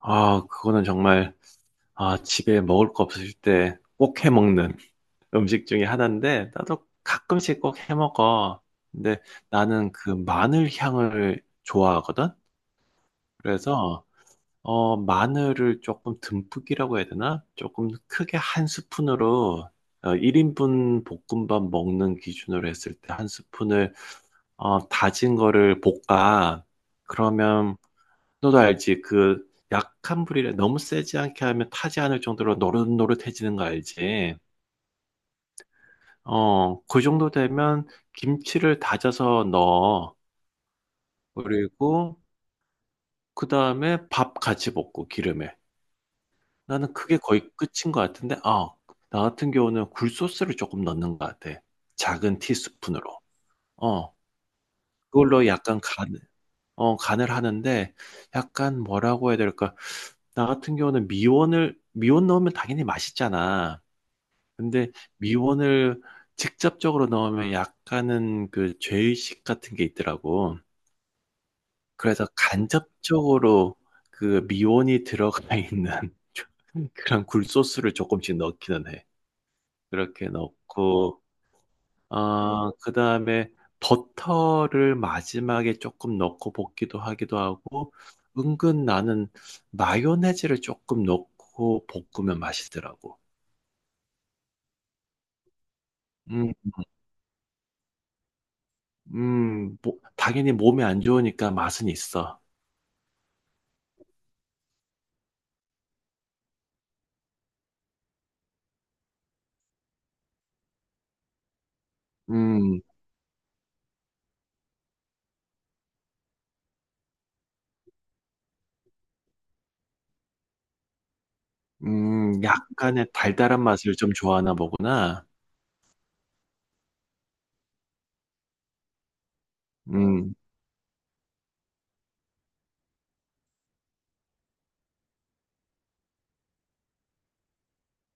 그거는 정말, 집에 먹을 거 없을 때 꼭 해 먹는 음식 중에 하나인데, 나도 가끔씩 꼭 해 먹어. 근데 나는 그 마늘 향을 좋아하거든? 그래서, 마늘을 조금 듬뿍이라고 해야 되나? 조금 크게 한 스푼으로, 1인분 볶음밥 먹는 기준으로 했을 때 한 스푼을, 다진 거를 볶아. 그러면 너도 알지? 그 약한 불이라 너무 세지 않게 하면 타지 않을 정도로 노릇노릇해지는 거 알지? 그 정도 되면 김치를 다져서 넣어. 그리고 그 다음에 밥 같이 볶고 기름에. 나는 그게 거의 끝인 것 같은데, 나 같은 경우는 굴소스를 조금 넣는 것 같아. 작은 티스푼으로. 어, 그걸로 약간 간, 간을 하는데, 약간 뭐라고 해야 될까? 나 같은 경우는 미원 넣으면 당연히 맛있잖아. 근데 미원을 직접적으로 넣으면 약간은 그 죄의식 같은 게 있더라고. 그래서 간접적으로 그 미원이 들어가 있는 그런 굴소스를 조금씩 넣기는 해. 그렇게 넣고, 그 다음에 버터를 마지막에 조금 넣고 볶기도 하기도 하고, 은근 나는 마요네즈를 조금 넣고 볶으면 맛있더라고. 음, 뭐, 당연히 몸에 안 좋으니까 맛은 있어. 음, 약간의 달달한 맛을 좀 좋아하나 보구나. 음,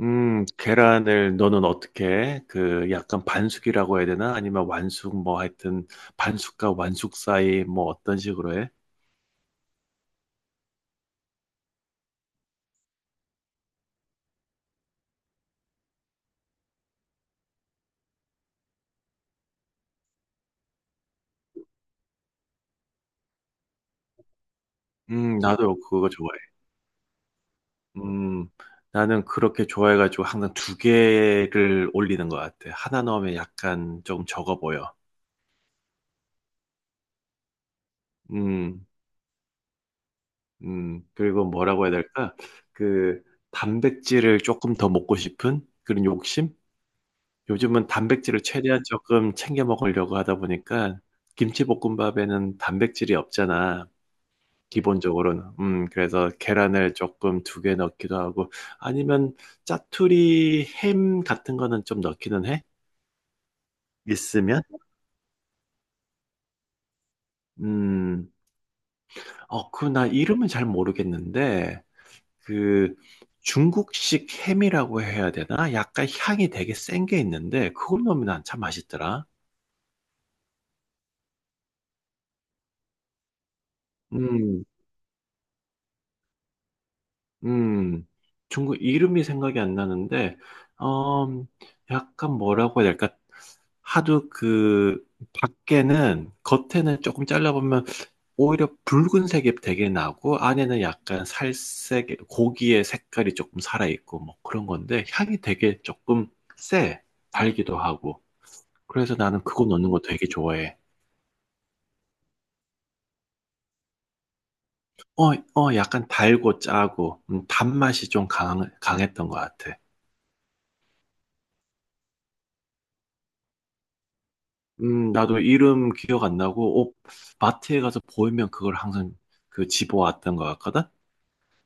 계란을 너는 어떻게 그 약간 반숙이라고 해야 되나? 아니면 완숙 뭐 하여튼 반숙과 완숙 사이 뭐 어떤 식으로 해? 나도 그거 좋아해. 음, 나는 그렇게 좋아해가지고 항상 두 개를 올리는 것 같아. 하나 넣으면 약간 조금 적어 보여. 음. 그리고 뭐라고 해야 될까? 그 단백질을 조금 더 먹고 싶은 그런 욕심? 요즘은 단백질을 최대한 조금 챙겨 먹으려고 하다 보니까 김치볶음밥에는 단백질이 없잖아. 기본적으로는. 그래서 계란을 조금 두 개 넣기도 하고 아니면 짜투리 햄 같은 거는 좀 넣기는 해? 있으면? 음, 그 나 이름은 잘 모르겠는데 그 중국식 햄이라고 해야 되나? 약간 향이 되게 센 게 있는데 그걸 넣으면 난참 맛있더라. 음, 음, 중국 이름이 생각이 안 나는데 어, 약간 뭐라고 해야 될까? 하도 그 밖에는 겉에는 조금 잘라보면 오히려 붉은색이 되게 나고 안에는 약간 살색 고기의 색깔이 조금 살아있고 뭐 그런 건데 향이 되게 조금 세 달기도 하고 그래서 나는 그거 넣는 거 되게 좋아해. 약간 달고 짜고, 강했던 것 같아. 나도 이름 기억 안 나고, 마트에 가서 보이면 그걸 항상 그 집어왔던 것 같거든?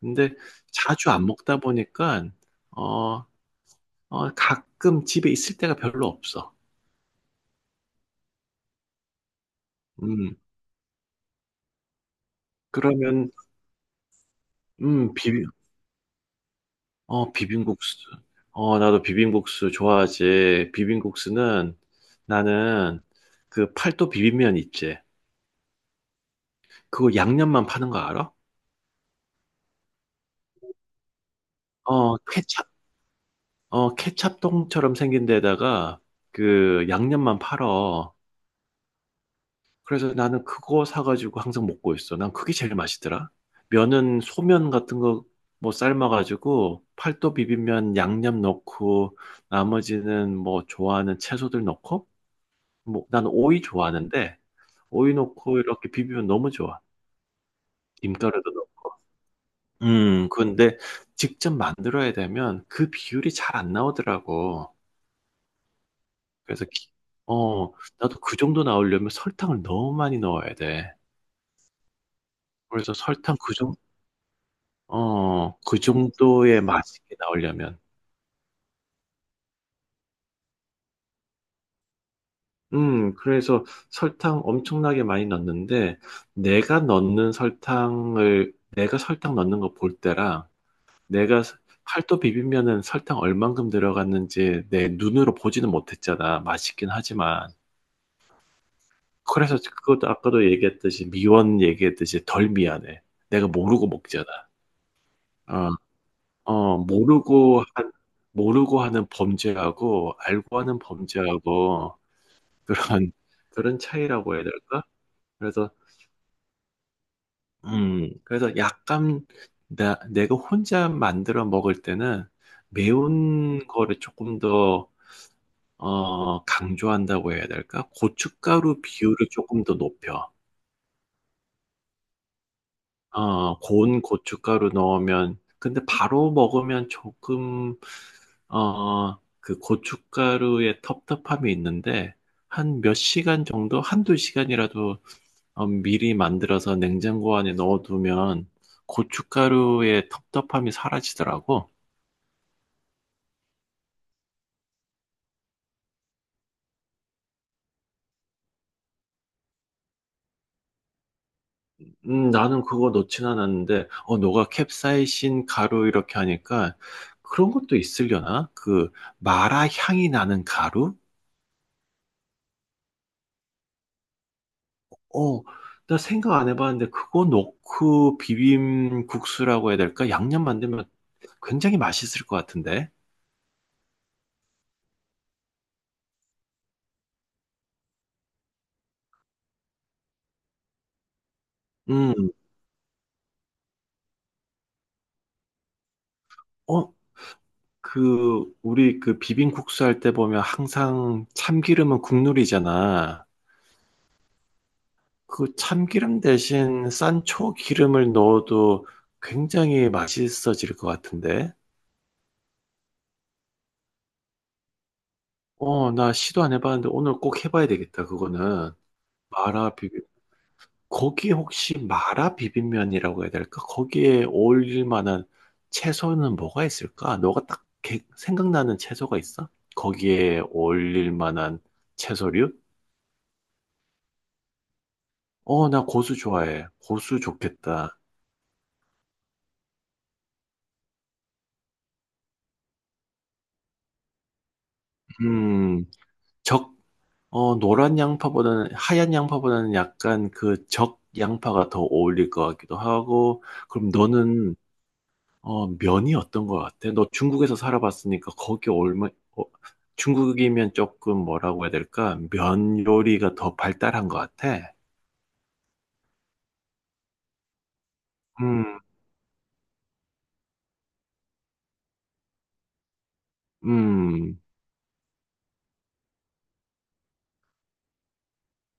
근데 자주 안 먹다 보니까, 어, 가끔 집에 있을 때가 별로 없어. 음, 그러면, 음, 비빔, 비빔국수. 나도 비빔국수 좋아하지. 비빔국수는 나는 그 팔도 비빔면 있지. 그거 양념만 파는 거 알아? 어, 케찹, 케찹통처럼 생긴 데다가 그 양념만 팔어. 그래서 나는 그거 사가지고 항상 먹고 있어. 난 그게 제일 맛있더라. 면은 소면 같은 거 뭐 삶아가지고 팔도 비빔면 양념 넣고 나머지는 뭐 좋아하는 채소들 넣고 뭐 난 오이 좋아하는데 오이 넣고 이렇게 비비면 너무 좋아. 김가루도 넣고. 근데 직접 만들어야 되면 그 비율이 잘 안 나오더라고. 그래서 기- 어 나도 그 정도 나오려면 설탕을 너무 많이 넣어야 돼. 그래서 설탕 그 정, 그 정도의 맛있게 나오려면. 그래서 설탕 엄청나게 많이 넣는데, 내가 설탕 넣는 거 볼 때랑, 내가 스- 팔도 비빔면은 설탕 얼만큼 들어갔는지 내 눈으로 보지는 못했잖아. 맛있긴 하지만. 그래서 그것도 아까도 얘기했듯이, 미원 얘기했듯이 덜 미안해. 내가 모르고 먹잖아. 어, 어, 모르고 한, 모르고 하는 범죄하고 알고 하는 범죄하고 그런, 그런 차이라고 해야 될까? 그래서, 그래서 약간 내가 혼자 만들어 먹을 때는 매운 거를 조금 더, 강조한다고 해야 될까? 고춧가루 비율을 조금 더 높여. 고운 고춧가루 넣으면, 근데 바로 먹으면 조금 그 고춧가루의 텁텁함이 있는데, 한 몇 시간 정도, 한두 시간이라도 미리 만들어서 냉장고 안에 넣어두면 고춧가루의 텁텁함이 사라지더라고. 나는 그거 넣진 않았는데, 너가 캡사이신 가루 이렇게 하니까 그런 것도 있으려나? 그 마라 향이 나는 가루? 어, 나 생각 안 해봤는데 그거 넣고 비빔국수라고 해야 될까? 양념 만들면 굉장히 맛있을 것 같은데. 음, 어, 그, 우리 그 비빔국수 할 때 보면 항상 참기름은 국룰이잖아. 그 참기름 대신 산초 기름을 넣어도 굉장히 맛있어질 것 같은데. 나 시도 안 해봤는데 오늘 꼭 해봐야 되겠다, 그거는. 마라 비빔, 거기 혹시 마라 비빔면이라고 해야 될까? 거기에 어울릴 만한 채소는 뭐가 있을까? 너가 생각나는 채소가 있어? 거기에 어울릴 만한 채소류? 나 고수 좋아해. 고수 좋겠다. 음, 적, 하얀 양파보다는 약간 그 적 양파가 더 어울릴 것 같기도 하고, 그럼 너는, 면이 어떤 것 같아? 너 중국에서 살아봤으니까 거기 얼마, 어, 중국이면 조금 뭐라고 해야 될까? 면 요리가 더 발달한 것 같아. 음, 음,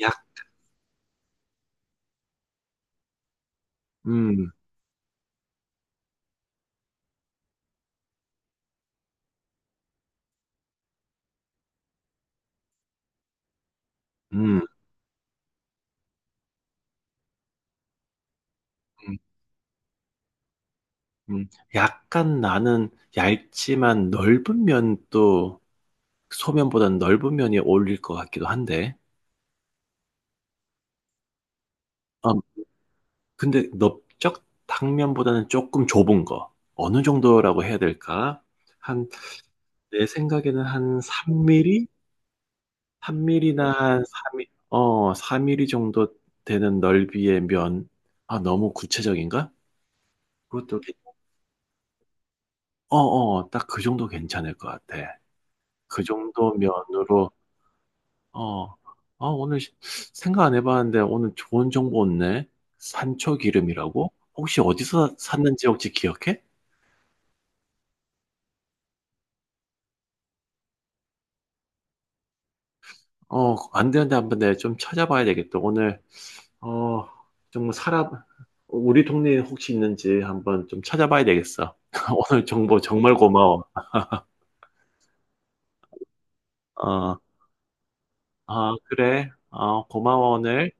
약, 음, 음. 음, 음. 약간 나는 얇지만 넓은 면도 소면보다는 넓은 면이 어울릴 것 같기도 한데. 아, 근데 넓적 탕면보다는 조금 좁은 거. 어느 정도라고 해야 될까? 한, 내 생각에는 한 3mm? 3mm나 한 3mm, 4mm 정도 되는 넓이의 면. 아, 너무 구체적인가? 그것도, 괜- 딱 그 정도 괜찮을 것 같아. 그 정도 면으로 어, 생각 안 해봤는데 오늘 좋은 정보 없네. 산초 기름이라고? 혹시 어디서 샀는지 혹시 기억해? 안 되는데 한번 내가 좀 찾아봐야 되겠다. 오늘, 어, 좀 사람, 우리 동네에 혹시 있는지 한번 좀 찾아봐야 되겠어. 오늘 정보 정말 고마워. 어, 아, 그래. 어, 고마워, 오늘.